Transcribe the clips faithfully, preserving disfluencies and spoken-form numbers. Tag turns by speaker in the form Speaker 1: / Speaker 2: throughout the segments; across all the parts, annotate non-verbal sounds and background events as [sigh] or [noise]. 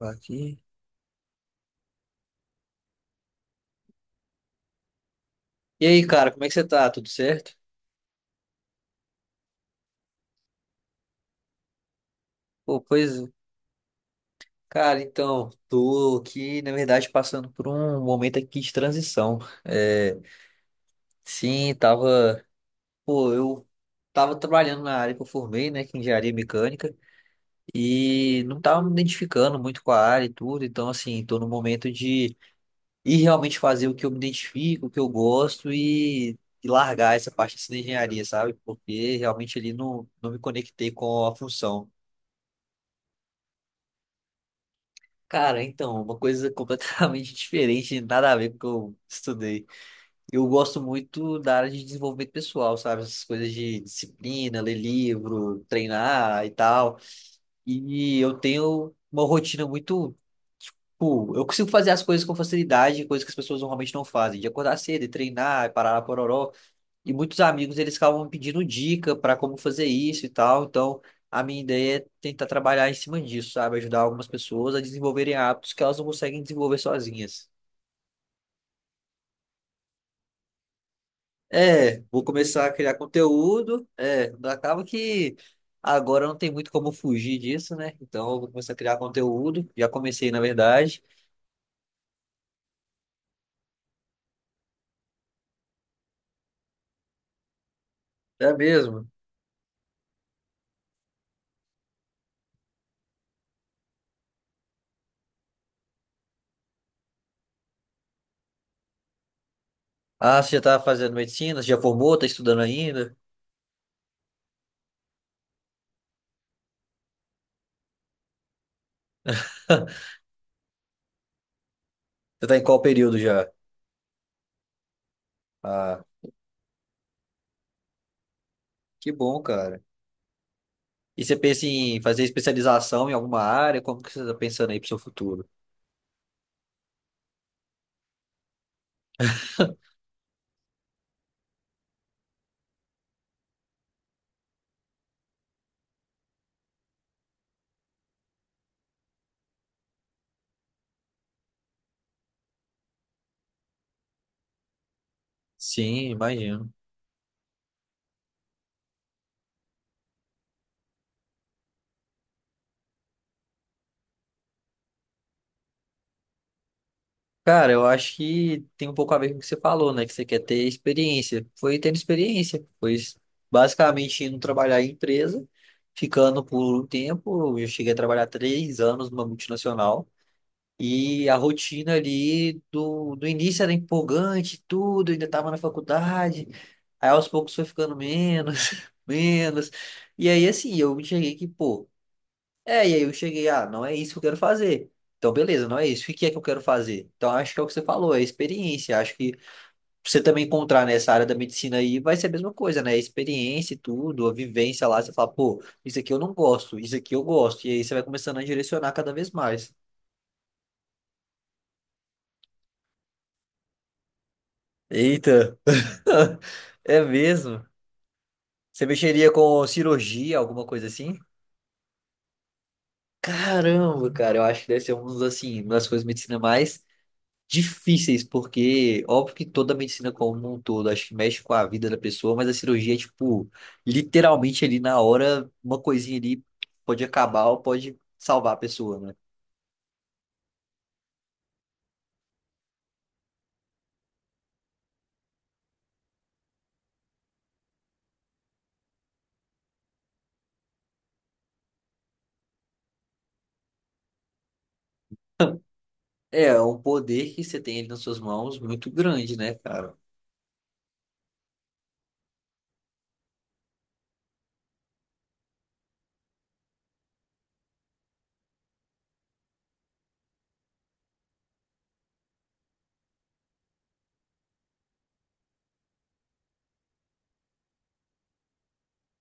Speaker 1: Aqui. E aí, cara, como é que você tá? Tudo certo? Pô, pois, cara, então, tô aqui, na verdade, passando por um momento aqui de transição. É, sim, tava, pô, eu tava trabalhando na área que eu formei, né, que é engenharia mecânica, e não tava me identificando muito com a área e tudo, então, assim, tô no momento de ir realmente fazer o que eu me identifico, o que eu gosto e, e largar essa parte assim, da engenharia, sabe? Porque realmente ali não, não me conectei com a função. Cara, então, uma coisa completamente [laughs] diferente, nada a ver com o que eu estudei. Eu gosto muito da área de desenvolvimento pessoal, sabe? Essas coisas de disciplina, ler livro, treinar e tal. E eu tenho uma rotina muito. Tipo, eu consigo fazer as coisas com facilidade, coisas que as pessoas normalmente não fazem, de acordar cedo e treinar, e parar a pororó. E muitos amigos eles acabam me pedindo dica para como fazer isso e tal. Então, a minha ideia é tentar trabalhar em cima disso, sabe? Ajudar algumas pessoas a desenvolverem hábitos que elas não conseguem desenvolver sozinhas. É, vou começar a criar conteúdo. É, acaba que agora não tem muito como fugir disso, né? Então, eu vou começar a criar conteúdo. Já comecei, na verdade. É mesmo. Ah, você já tá fazendo medicina? Você já formou? Tá estudando ainda? [laughs] Você tá em qual período já? Ah, que bom, cara. E você pensa em fazer especialização em alguma área? Como que você está pensando aí para o seu futuro? Sim, imagino. Cara, eu acho que tem um pouco a ver com o que você falou, né? Que você quer ter experiência. Foi tendo experiência, foi basicamente indo trabalhar em empresa, ficando por um tempo. Eu cheguei a trabalhar três anos numa multinacional. E a rotina ali do, do início era empolgante, tudo, ainda estava na faculdade. Aí aos poucos foi ficando menos, [laughs] menos. E aí, assim, eu cheguei que, pô. É, e aí eu cheguei, ah, não é isso que eu quero fazer. Então, beleza, não é isso. O que é que eu quero fazer? Então, acho que é o que você falou, é experiência. Acho que você também encontrar nessa área da medicina aí vai ser a mesma coisa, né? Experiência e tudo, a vivência lá, você fala, pô, isso aqui eu não gosto, isso aqui eu gosto. E aí você vai começando a direcionar cada vez mais. Eita, [laughs] é mesmo? Você mexeria com cirurgia, alguma coisa assim? Caramba, cara, eu acho que deve ser um dos, assim, uma das coisas de medicina mais difíceis, porque óbvio que toda a medicina como um todo, acho que mexe com a vida da pessoa, mas a cirurgia é tipo, literalmente ali na hora, uma coisinha ali pode acabar ou pode salvar a pessoa, né? É é um poder que você tem ali nas suas mãos muito grande, né, cara?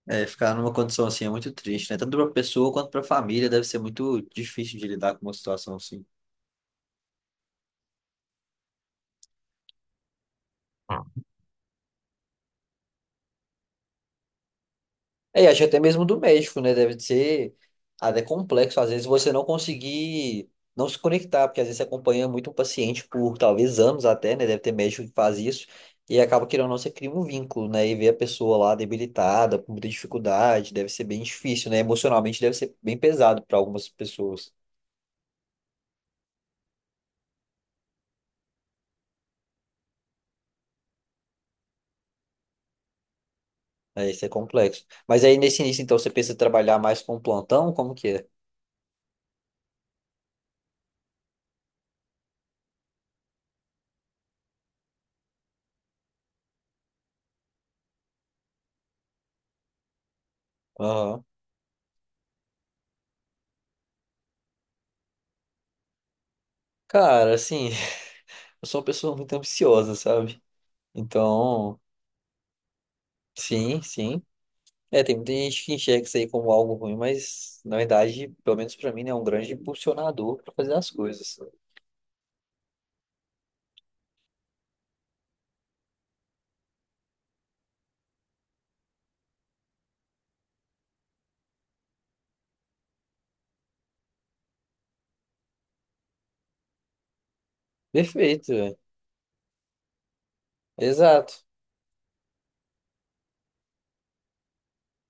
Speaker 1: É, ficar numa condição assim é muito triste, né? Tanto pra pessoa quanto pra família deve ser muito difícil de lidar com uma situação assim. É, e acho que até mesmo do México, né? Deve ser até complexo, às vezes, você não conseguir não se conectar, porque às vezes você acompanha muito um paciente por talvez anos até, né? Deve ter médico que faz isso, e acaba querendo ou não, você cria um vínculo, né? E ver a pessoa lá debilitada, com muita dificuldade, deve ser bem difícil, né? Emocionalmente deve ser bem pesado para algumas pessoas. É, isso é complexo. Mas aí nesse início, então, você pensa em trabalhar mais com plantão? Como que é? Aham. Cara, assim, [laughs] eu sou uma pessoa muito ambiciosa, sabe? Então, sim, sim. É, tem muita gente que enxerga isso aí como algo ruim, mas na verdade, pelo menos pra mim, né, é um grande impulsionador pra fazer as coisas. Perfeito, velho. Exato.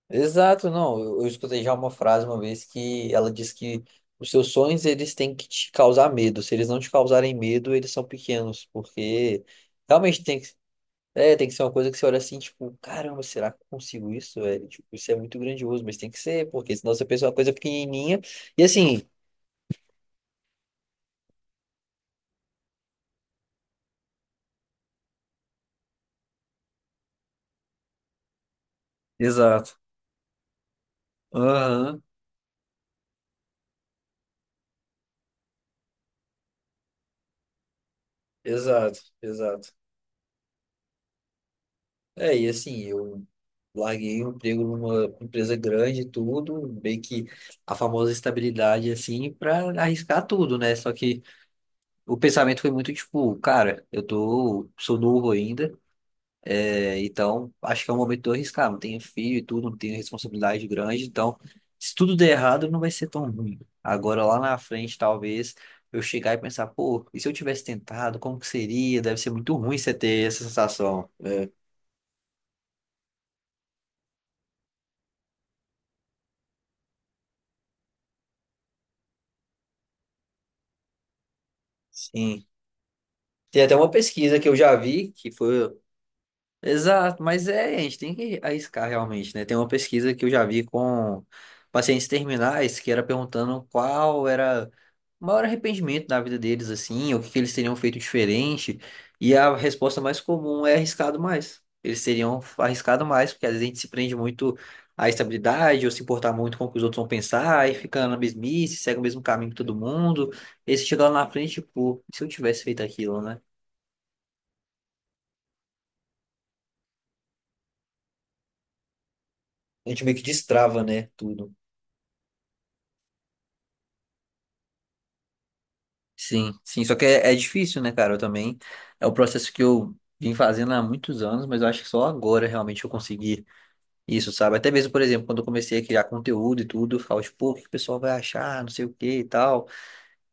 Speaker 1: Exato, não. Eu, eu escutei já uma frase uma vez que ela diz que os seus sonhos eles têm que te causar medo. Se eles não te causarem medo, eles são pequenos, porque realmente tem que, é, tem que ser uma coisa que você olha assim, tipo, caramba, será que eu consigo isso, velho? Tipo, isso é muito grandioso, mas tem que ser, porque senão você pensa uma coisa pequenininha e assim. Exato. Aham. Exato, exato. É, e assim, eu larguei o emprego numa empresa grande e tudo, meio que a famosa estabilidade, assim, pra arriscar tudo, né? Só que o pensamento foi muito tipo, cara, eu tô, sou novo ainda, é, então acho que é o momento de eu arriscar. Não tenho filho e tudo, não tenho responsabilidade grande, então se tudo der errado, não vai ser tão ruim. Agora lá na frente, talvez. Eu chegar e pensar, pô, e se eu tivesse tentado, como que seria? Deve ser muito ruim você ter essa sensação. Sim. Tem até uma pesquisa que eu já vi, que foi, exato, mas é, a gente tem que arriscar realmente, né? Tem uma pesquisa que eu já vi com pacientes terminais que era perguntando qual era o maior arrependimento da vida deles, assim, ou o que que eles teriam feito diferente, e a resposta mais comum é arriscado mais. Eles teriam arriscado mais, porque às vezes a gente se prende muito à estabilidade, ou se importar muito com o que os outros vão pensar, e fica na mesmice, segue o mesmo caminho que todo mundo, e se chegar lá na frente, pô, e se eu tivesse feito aquilo, né? A gente meio que destrava, né, tudo. Sim, sim, só que é, é difícil, né, cara? Eu também. É o processo que eu vim fazendo há muitos anos, mas eu acho que só agora realmente eu consegui isso, sabe? Até mesmo, por exemplo, quando eu comecei a criar conteúdo e tudo, eu ficava tipo, pô, o que o pessoal vai achar, não sei o que e tal.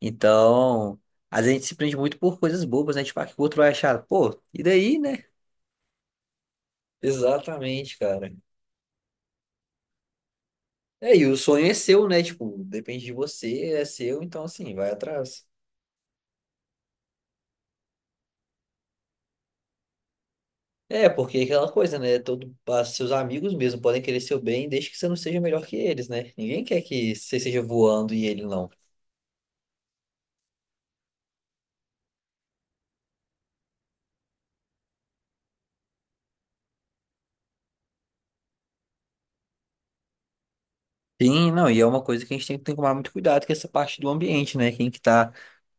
Speaker 1: Então, às vezes a gente se prende muito por coisas bobas, né? Tipo, ah, o que o outro vai achar? Pô, e daí, né? Exatamente, cara. É, e o sonho é seu, né? Tipo, depende de você, é seu, então assim, vai atrás. É, porque é aquela coisa, né? Todo, as- seus amigos mesmo podem querer seu bem desde que você não seja melhor que eles, né? Ninguém quer que você seja voando e ele não. Sim, não, e é uma coisa que a gente tem que tomar muito cuidado, que é essa parte do ambiente, né? Quem que tá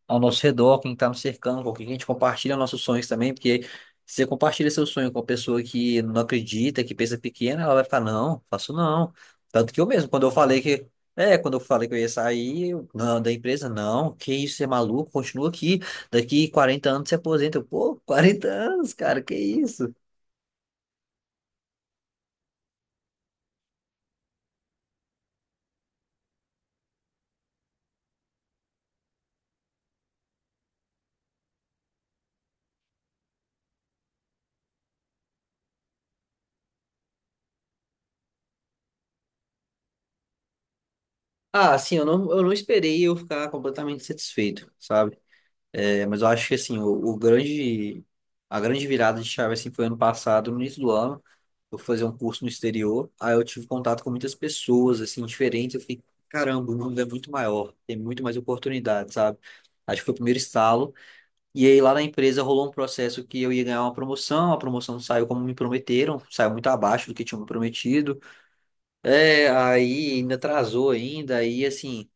Speaker 1: ao nosso redor, quem está nos cercando, com quem a gente compartilha nossos sonhos também, porque se você compartilha seu sonho com uma pessoa que não acredita, que pensa pequena, ela vai ficar, não, faço não. Tanto que eu mesmo, quando eu falei que. É, quando eu falei que eu ia sair, eu, não, da empresa, não, que isso, você é maluco, continua aqui, daqui quarenta anos você aposenta. Eu, pô, quarenta anos, cara, que isso? Ah, assim, eu não, eu não esperei eu ficar completamente satisfeito, sabe? É, mas eu acho que assim, o, o grande, a grande virada de chave assim, foi ano passado, no início do ano. Eu fui fazer um curso no exterior, aí eu tive contato com muitas pessoas assim, diferentes. Eu fiquei, caramba, o mundo é muito maior, tem muito mais oportunidades, sabe? Acho que foi o primeiro estalo. E aí lá na empresa rolou um processo que eu ia ganhar uma promoção, a promoção não saiu como me prometeram, saiu muito abaixo do que tinham me prometido. É, aí ainda atrasou ainda, aí assim,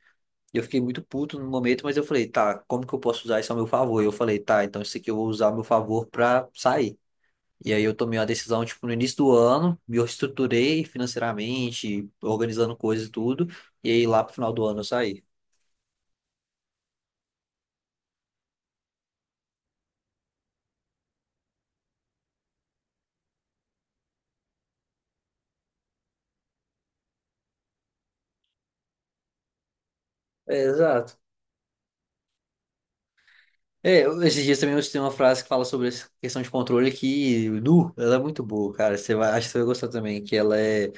Speaker 1: e eu fiquei muito puto no momento, mas eu falei, tá, como que eu posso usar isso ao meu favor? E eu falei, tá, então isso aqui eu vou usar ao meu favor pra sair. E aí eu tomei uma decisão, tipo, no início do ano, me reestruturei financeiramente, organizando coisas e tudo, e aí lá pro final do ano eu saí. É, exato. É, eu- esses dias também eu citei uma frase que fala sobre essa questão de controle que, nu, ela é muito boa, cara. Você vai, acho que você vai gostar também, que ela é,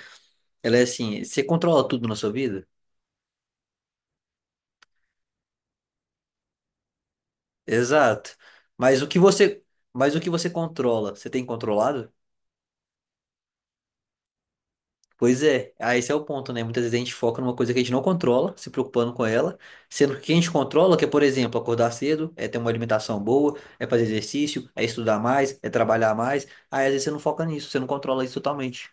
Speaker 1: ela é assim, você controla tudo na sua vida? Exato. Mas o que você, mas o que você controla, você tem controlado? Pois é, ah, esse é o ponto, né? Muitas vezes a gente foca numa coisa que a gente não controla, se preocupando com ela, sendo que o que a gente controla, que é, por exemplo, acordar cedo, é ter uma alimentação boa, é fazer exercício, é estudar mais, é trabalhar mais. Aí às vezes você não foca nisso, você não controla isso totalmente.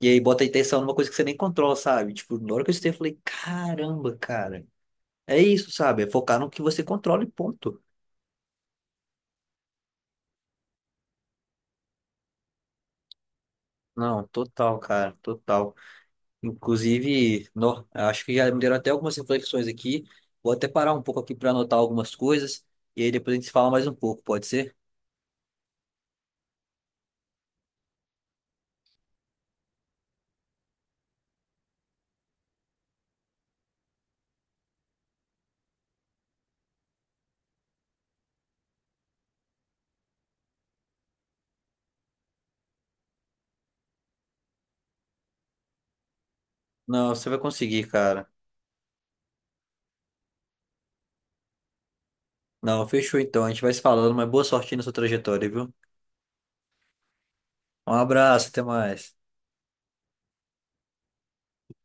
Speaker 1: E aí bota a intenção numa coisa que você nem controla, sabe? Tipo, na hora que eu estudei, eu falei, caramba, cara, é isso, sabe? É focar no que você controla e ponto. Não, total, cara, total. Inclusive, no, acho que já me deram até algumas reflexões aqui. Vou até parar um pouco aqui para anotar algumas coisas e aí depois a gente se fala mais um pouco, pode ser? Não, você vai conseguir, cara. Não, fechou então. A gente vai se falando, mas boa sorte aí na sua trajetória, viu? Um abraço, até mais.